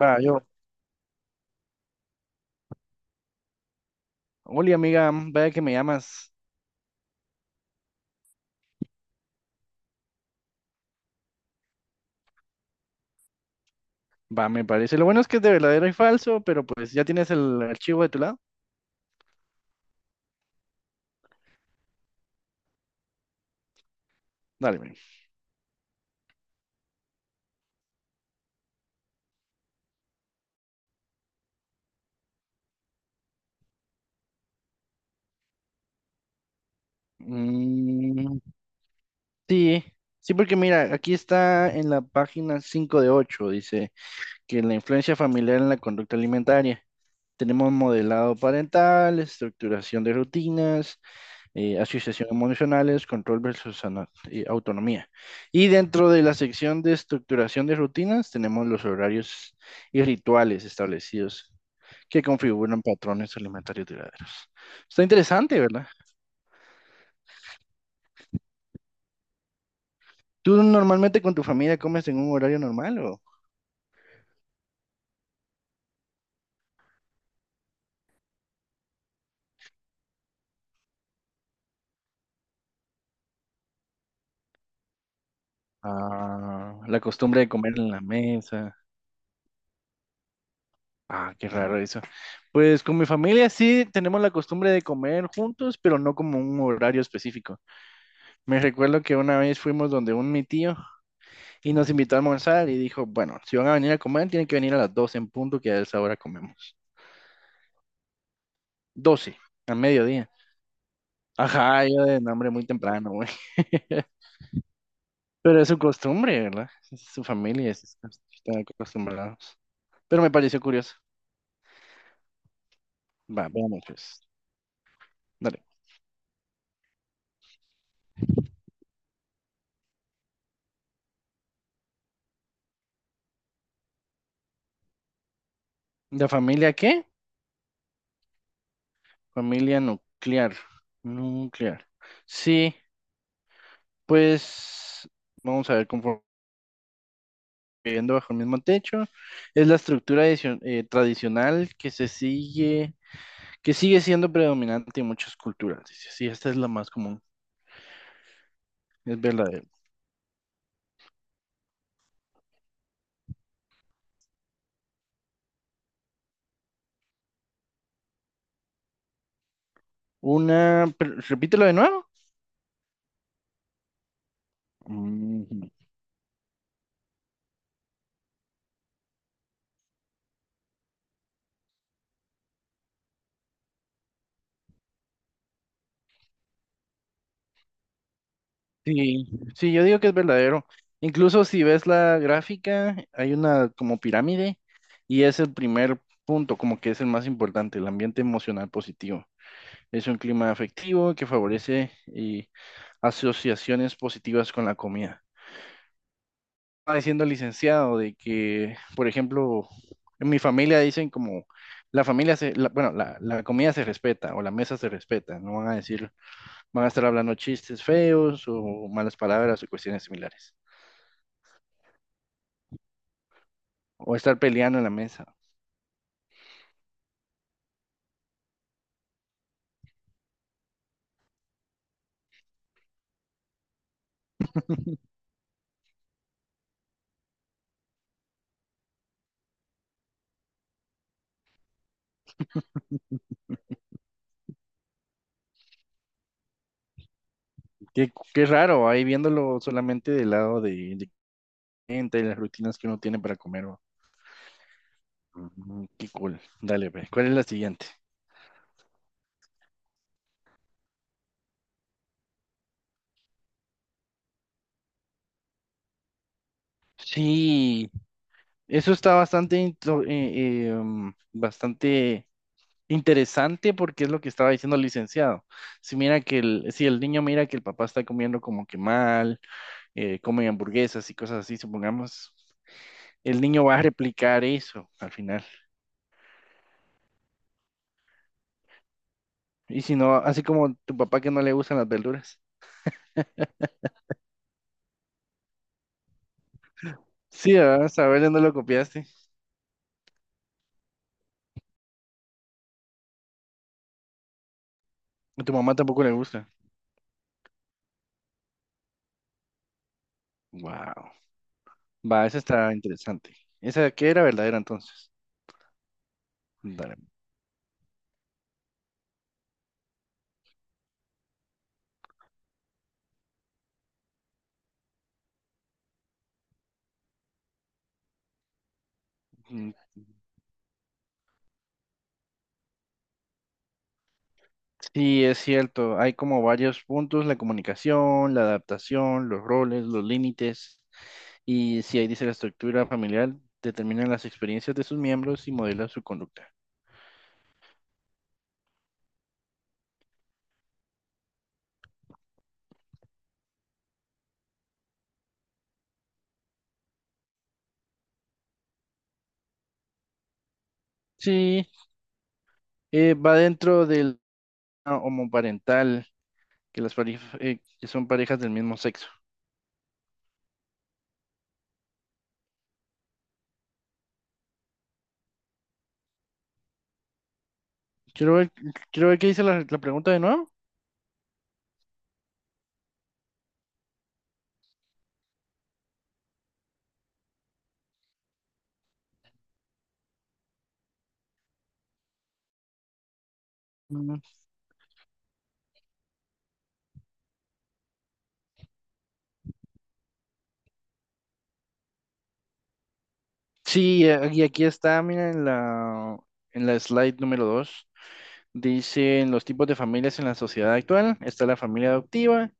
Va, yo. Hola, amiga, vaya que me llamas. Va, me parece. Lo bueno es que es de verdadero y falso, pero pues ya tienes el archivo de tu lado. Dale, ven. Mm, sí, sí, porque mira, aquí está en la página 5 de 8, dice que la influencia familiar en la conducta alimentaria. Tenemos modelado parental, estructuración de rutinas, asociación emocionales, control versus autonomía. Y dentro de la sección de estructuración de rutinas tenemos los horarios y rituales establecidos que configuran patrones alimentarios duraderos. Está interesante, ¿verdad? ¿Tú normalmente con tu familia comes en un horario normal o la costumbre de comer en la mesa? Ah, qué raro eso. Pues con mi familia sí tenemos la costumbre de comer juntos, pero no como un horario específico. Me recuerdo que una vez fuimos donde un mi tío. Y nos invitó a almorzar y dijo, bueno, si van a venir a comer, tienen que venir a las 12 en punto, que a esa hora comemos. 12 a mediodía. Ajá, yo de nombre muy temprano, güey. Pero es su costumbre, ¿verdad? Es su familia, están acostumbrados. Pero me pareció curioso. Va, veamos pues. Dale. ¿De familia qué? Familia nuclear. Nuclear. Sí, pues vamos a ver conforme viviendo bajo el mismo techo. Es la estructura tradicional que sigue siendo predominante en muchas culturas. Dice, sí, esta es la más común, es verdadero. Una, repítelo de nuevo. Ujú. Sí, sí, yo digo que es verdadero. Incluso si ves la gráfica, hay una como pirámide y es el primer punto, como que es el más importante, el ambiente emocional positivo. Es un clima afectivo que favorece y asociaciones positivas con la comida. Estaba diciendo el licenciado de que, por ejemplo, en mi familia dicen como la familia se, la- bueno, la comida se respeta o la mesa se respeta, no van a decir, van a estar hablando chistes feos o malas palabras o cuestiones similares, o estar peleando en la mesa. Qué raro, ahí viéndolo solamente del lado de gente y las rutinas que uno tiene para comer, ¿no? Qué cool. Dale, ve. ¿Cuál es la siguiente? Sí, eso está bastante interesante porque es lo que estaba diciendo el licenciado. Si mira si el niño mira que el papá está comiendo como que mal, come hamburguesas y cosas así, supongamos, el niño va a replicar eso al final. Y si no, así como tu papá que no le gustan las verduras. Sí, ¿verdad? Saberle no lo copiaste. A tu mamá tampoco le gusta. Wow. Va, esa está interesante. ¿Esa que era verdadera entonces? Dale. Sí, es cierto, hay como varios puntos, la comunicación, la adaptación, los roles, los límites, y si ahí dice la estructura familiar, determinan las experiencias de sus miembros y modela su conducta. Sí, va dentro del homoparental, que las parejas, que son parejas del mismo sexo. Quiero ver, quiero ver qué dice la pregunta de nuevo. Mm, sí, y aquí está, mira, en la slide número 2. Dicen los tipos de familias en la sociedad actual, está la familia adoptiva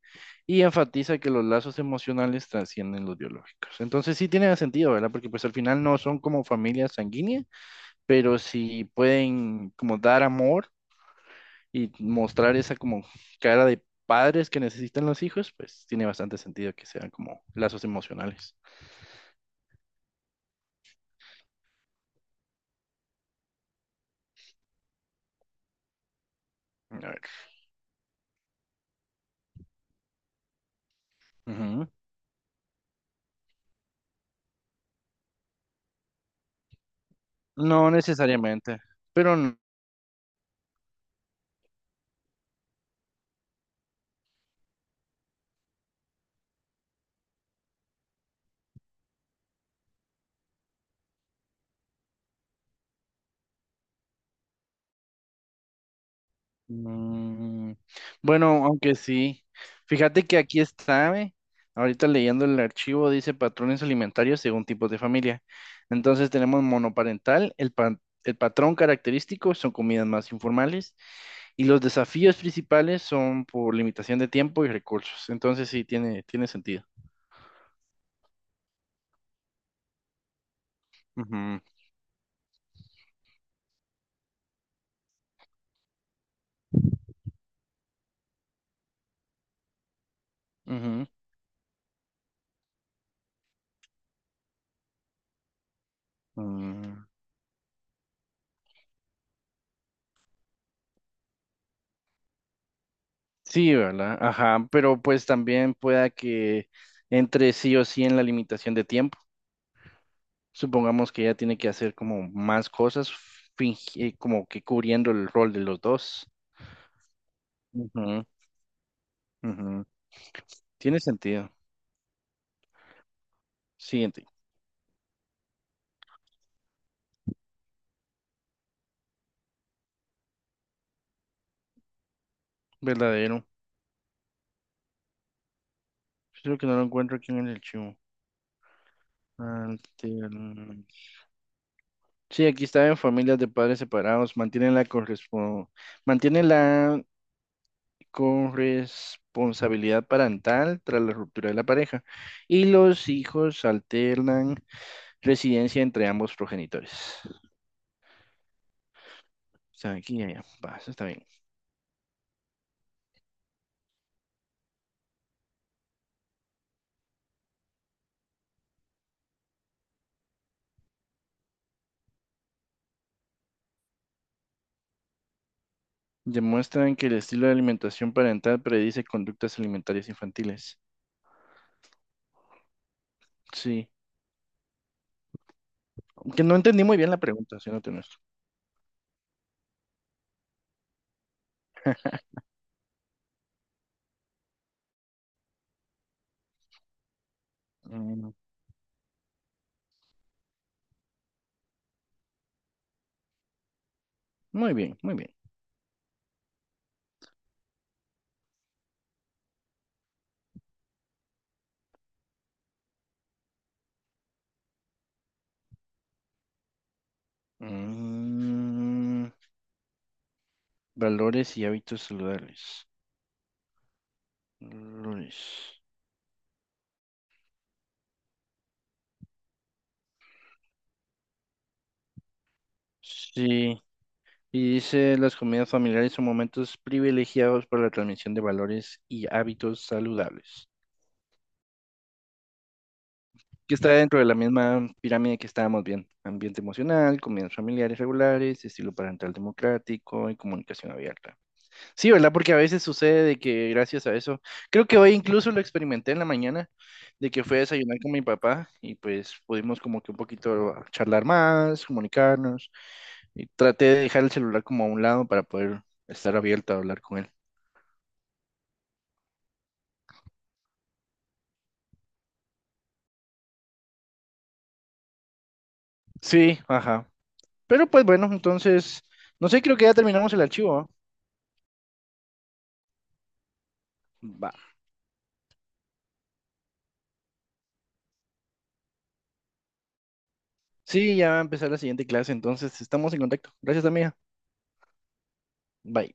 y enfatiza que los lazos emocionales trascienden los biológicos. Entonces sí tiene sentido, ¿verdad? Porque pues al final no son como familias sanguíneas, pero sí pueden como dar amor y mostrar esa como cara de padres que necesitan los hijos, pues tiene bastante sentido que sean como lazos emocionales. A ver. Ujú. No necesariamente, pero Mm, bueno, aunque sí. Fíjate que aquí está, ¿eh? Ahorita leyendo el archivo dice patrones alimentarios según tipos de familia. Entonces tenemos monoparental, el patrón característico son comidas más informales y los desafíos principales son por limitación de tiempo y recursos. Entonces sí, tiene sentido. Ujú, ujú, mm. Sí, ¿verdad? Ajá, pero pues también pueda que entre sí o sí en la limitación de tiempo. Supongamos que ella tiene que hacer como más cosas, como que cubriendo el rol de los dos. Ujú, ujú. Tiene sentido. Siguiente. Verdadero. Creo que no lo encuentro aquí en el archivo. Altern- Sí, aquí está en familias de padres separados. Mantienen la mantienen la corresponsabilidad parental tras la ruptura de la pareja. Y los hijos alternan residencia entre ambos progenitores. O sea, aquí y allá. Va, eso está bien. Demuestran que el estilo de alimentación parental predice conductas alimentarias infantiles. Sí. Que no entendí muy bien la pregunta, siéndote honesto. Mm, Muy bien, muy bien. Mm, Valores y hábitos saludables. Valores. Sí. Y dice, las comidas familiares son momentos privilegiados para la transmisión de valores y hábitos saludables. Que está dentro de la misma pirámide que estábamos viendo. Ambiente emocional, comidas familiares regulares, estilo parental democrático y comunicación abierta. Sí, ¿verdad? Porque a veces sucede de que gracias a eso, creo que hoy incluso lo experimenté en la mañana, de que fui a desayunar con mi papá y pues pudimos como que un poquito charlar más, comunicarnos y traté de dejar el celular como a un lado para poder estar abierto a hablar con él. Sí, ajá. Pero pues bueno, entonces, no sé, creo que ya terminamos el archivo, ¿ah? Va. Sí, ya va a empezar la siguiente clase, entonces estamos en contacto. Gracias, amiga. Bye.